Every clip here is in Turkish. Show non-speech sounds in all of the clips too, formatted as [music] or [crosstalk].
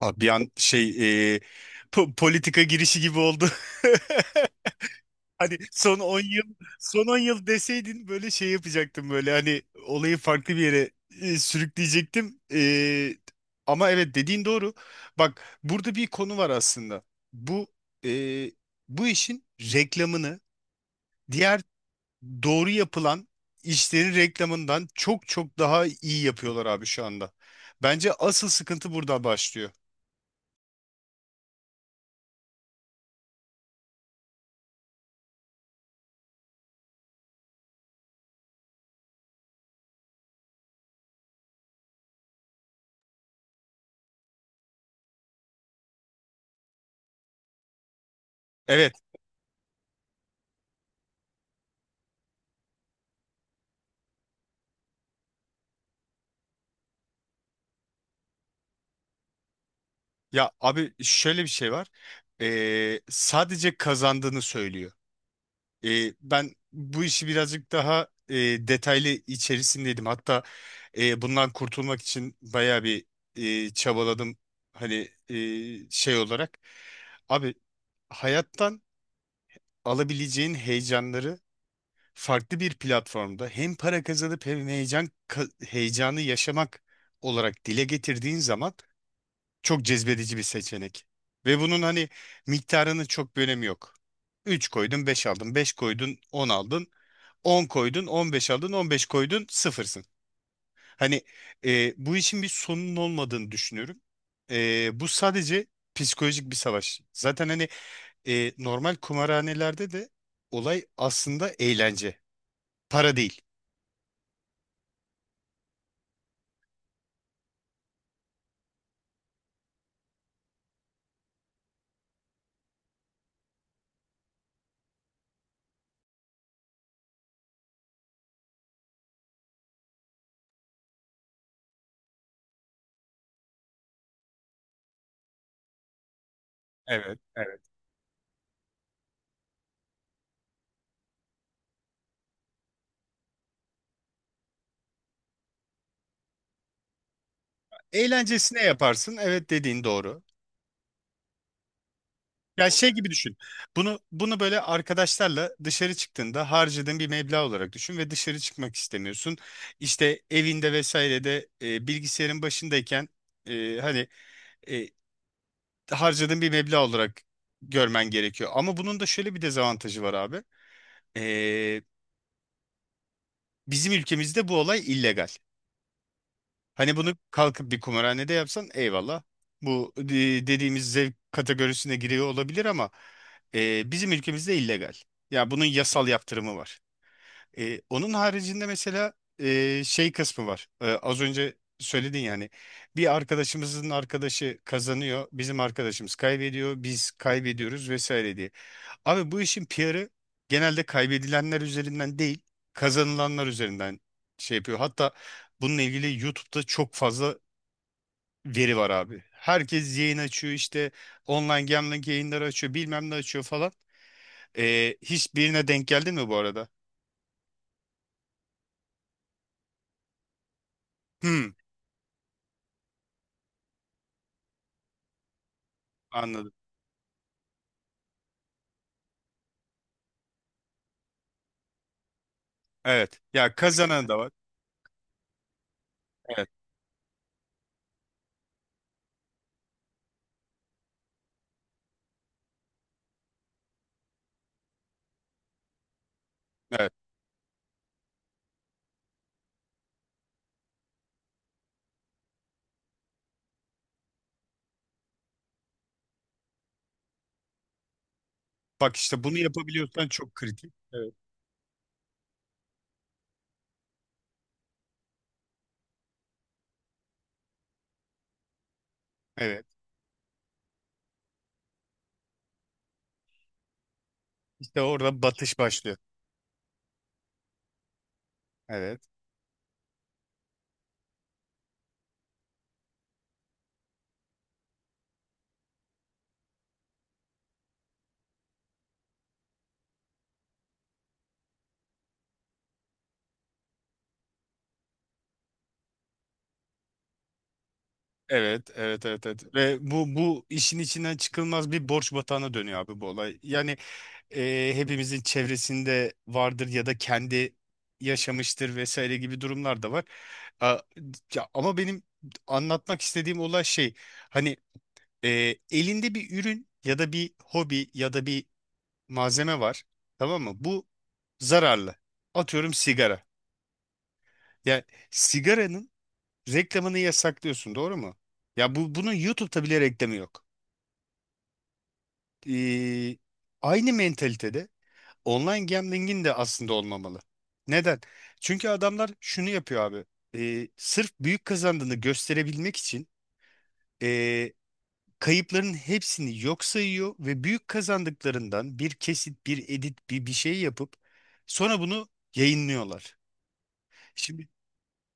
Abi bir an şey e, politika girişi gibi oldu. [laughs] Hani son on yıl deseydin böyle şey yapacaktım, böyle hani olayı farklı bir yere sürükleyecektim. Ama evet, dediğin doğru. Bak, burada bir konu var aslında. Bu e, bu işin reklamını, diğer doğru yapılan işlerin reklamından çok çok daha iyi yapıyorlar abi şu anda. Bence asıl sıkıntı burada başlıyor. Evet. Ya abi, şöyle bir şey var. Sadece kazandığını söylüyor. Ben bu işi birazcık daha detaylı içerisindeydim. Hatta bundan kurtulmak için bayağı bir çabaladım. Hani şey olarak. Abi, hayattan alabileceğin heyecanları farklı bir platformda hem para kazanıp hem heyecanı yaşamak olarak dile getirdiğin zaman çok cezbedici bir seçenek. Ve bunun hani miktarının çok bir önemi yok. 3 koydun, 5 aldın. Beş koydun, 10 aldın. On koydun, 15 aldın. On beş koydun, sıfırsın. Hani bu işin bir sonunun olmadığını düşünüyorum. Bu sadece psikolojik bir savaş. Zaten hani normal kumarhanelerde de olay aslında eğlence. Para değil. Evet, evet. Eğlencesine yaparsın. Evet, dediğin doğru. Ya şey gibi düşün. Bunu böyle arkadaşlarla dışarı çıktığında harcadığın bir meblağ olarak düşün ve dışarı çıkmak istemiyorsun. İşte evinde vesairede bilgisayarın başındayken hani e, harcadığın bir meblağ olarak görmen gerekiyor. Ama bunun da şöyle bir dezavantajı var abi. E, Bizim ülkemizde bu olay illegal. Hani bunu kalkıp bir kumarhanede yapsan eyvallah. Bu dediğimiz zevk kategorisine giriyor olabilir ama bizim ülkemizde illegal. Ya bunun yasal yaptırımı var. Onun haricinde mesela şey kısmı var. Az önce söyledin yani. Bir arkadaşımızın arkadaşı kazanıyor, bizim arkadaşımız kaybediyor, biz kaybediyoruz vesaire diye. Abi, bu işin PR'ı genelde kaybedilenler üzerinden değil, kazanılanlar üzerinden şey yapıyor. Hatta bununla ilgili YouTube'da çok fazla veri var abi. Herkes yayın açıyor işte, online gambling yayınları açıyor, bilmem ne açıyor falan. Hiçbirine denk geldin mi bu arada? Hmm, anladım. Evet. Ya, kazanan da var. Evet, evet. Bak işte, bunu yapabiliyorsan çok kritik. Evet. Evet. İşte orada batış başlıyor. Evet. Evet, evet, evet, evet. Ve bu işin içinden çıkılmaz bir borç batağına dönüyor abi bu olay. Yani hepimizin çevresinde vardır ya da kendi yaşamıştır vesaire gibi durumlar da var. A- Ya, ama benim anlatmak istediğim olay şey, hani elinde bir ürün ya da bir hobi ya da bir malzeme var, tamam mı? Bu zararlı. Atıyorum, sigara. Ya sigaranın reklamını yasaklıyorsun, doğru mu? Ya bu, bunun YouTube'da bile reklamı yok. Ee, Aynı mentalitede online gambling'in de aslında olmamalı. Neden? Çünkü adamlar şunu yapıyor abi. Sırf büyük kazandığını gösterebilmek için ee, kayıpların hepsini yok sayıyor ve büyük kazandıklarından bir kesit, bir edit, bir şey yapıp sonra bunu yayınlıyorlar. Şimdi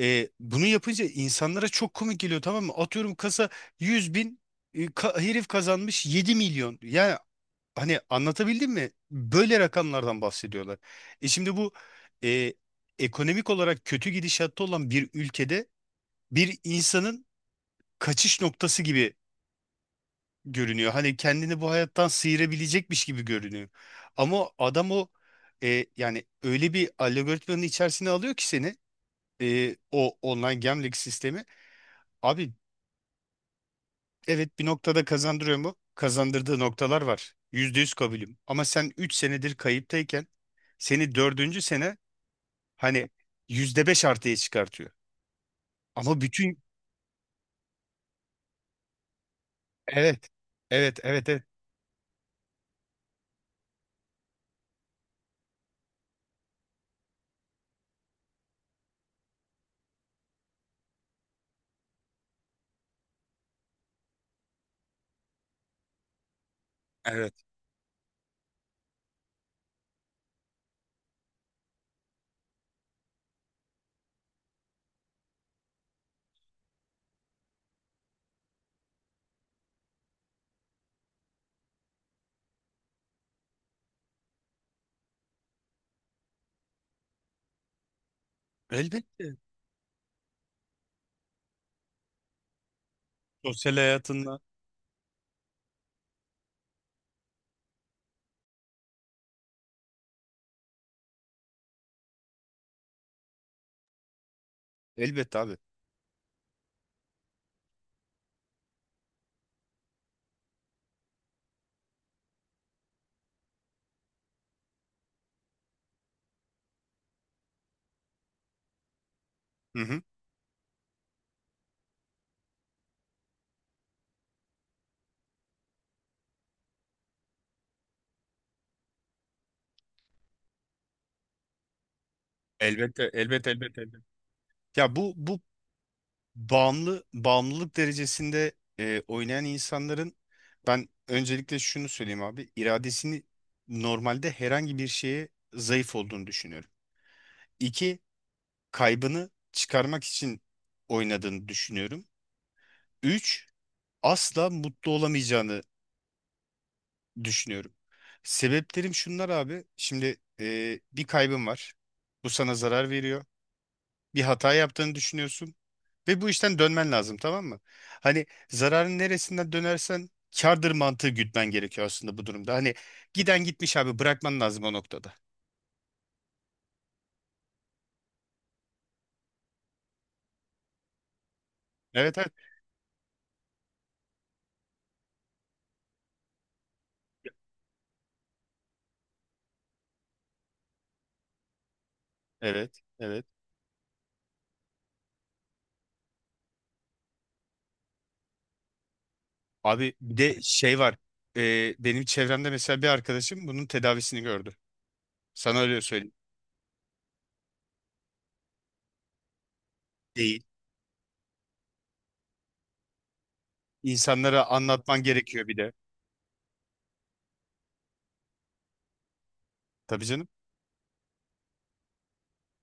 bunu yapınca insanlara çok komik geliyor, tamam mı? Atıyorum, kasa 100 bin, herif kazanmış 7 milyon. Yani, hani, anlatabildim mi? Böyle rakamlardan bahsediyorlar. Şimdi bu e, ekonomik olarak kötü gidişatta olan bir ülkede, bir insanın kaçış noktası gibi görünüyor. Hani kendini bu hayattan sıyırabilecekmiş gibi görünüyor. Ama o adam, o yani öyle bir algoritmanın içerisine alıyor ki seni o online gambling sistemi. Abi, evet, bir noktada kazandırıyor mu? Kazandırdığı noktalar var. %100 kabulüm. Ama sen 3 senedir kayıptayken seni dördüncü sene hani %5 artıya çıkartıyor. Ama bütün Evet, evet, evet, evet, evet. Elbette. Sosyal hayatında, elbette abi. Hı hı. Elbette, elbette, elbette, elbette. Ya bu bağımlılık derecesinde oynayan insanların, ben öncelikle şunu söyleyeyim abi, iradesini normalde herhangi bir şeye zayıf olduğunu düşünüyorum. İki, kaybını çıkarmak için oynadığını düşünüyorum. Üç, asla mutlu olamayacağını düşünüyorum. Sebeplerim şunlar abi. Şimdi bir kaybın var. Bu sana zarar veriyor. Bir hata yaptığını düşünüyorsun. Ve bu işten dönmen lazım, tamam mı? Hani zararın neresinden dönersen kârdır mantığı gütmen gerekiyor aslında bu durumda. Hani giden gitmiş abi, bırakman lazım o noktada. Evet, evet. Evet, evet. Abi, bir de şey var. Benim çevremde mesela bir arkadaşım bunun tedavisini gördü. Sana öyle söyleyeyim. Değil. İnsanlara anlatman gerekiyor bir de. Tabii canım.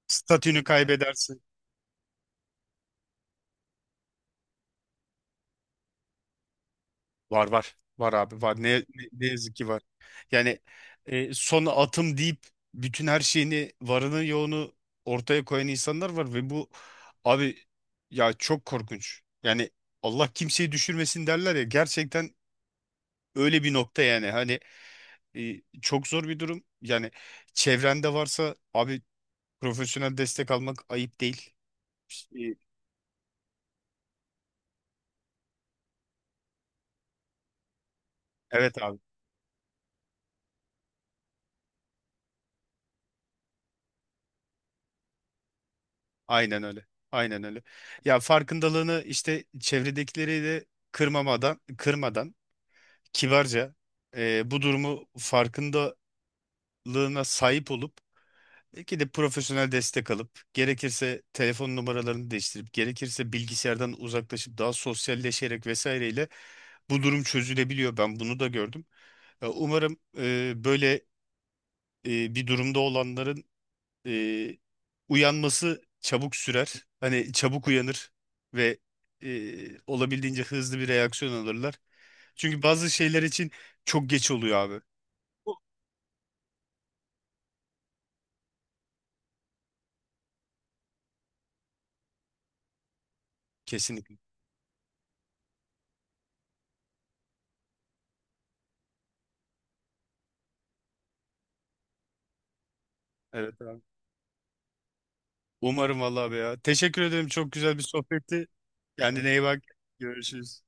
Statünü kaybedersin. Var, var. Var abi, var. Ne, ne, ne yazık ki var. Yani son atım deyip bütün her şeyini, varını yoğunu ortaya koyan insanlar var ve bu abi, ya, çok korkunç. Yani Allah kimseyi düşürmesin derler ya, gerçekten öyle bir nokta yani. Hani çok zor bir durum. Yani çevrende varsa abi, profesyonel destek almak ayıp değil. E, evet abi. Aynen öyle. Aynen öyle. Ya farkındalığını işte, çevredekileri de kırmadan, kibarca bu durumu, farkındalığına sahip olup belki de profesyonel destek alıp, gerekirse telefon numaralarını değiştirip, gerekirse bilgisayardan uzaklaşıp daha sosyalleşerek vesaireyle bu durum çözülebiliyor. Ben bunu da gördüm. Umarım böyle bir durumda olanların e, uyanması çabuk sürer. Hani çabuk uyanır ve olabildiğince hızlı bir reaksiyon alırlar. Çünkü bazı şeyler için çok geç oluyor abi. Kesinlikle. Evet abi. Umarım vallahi be ya. Teşekkür ederim. Çok güzel bir sohbetti. Kendine iyi bak. Görüşürüz.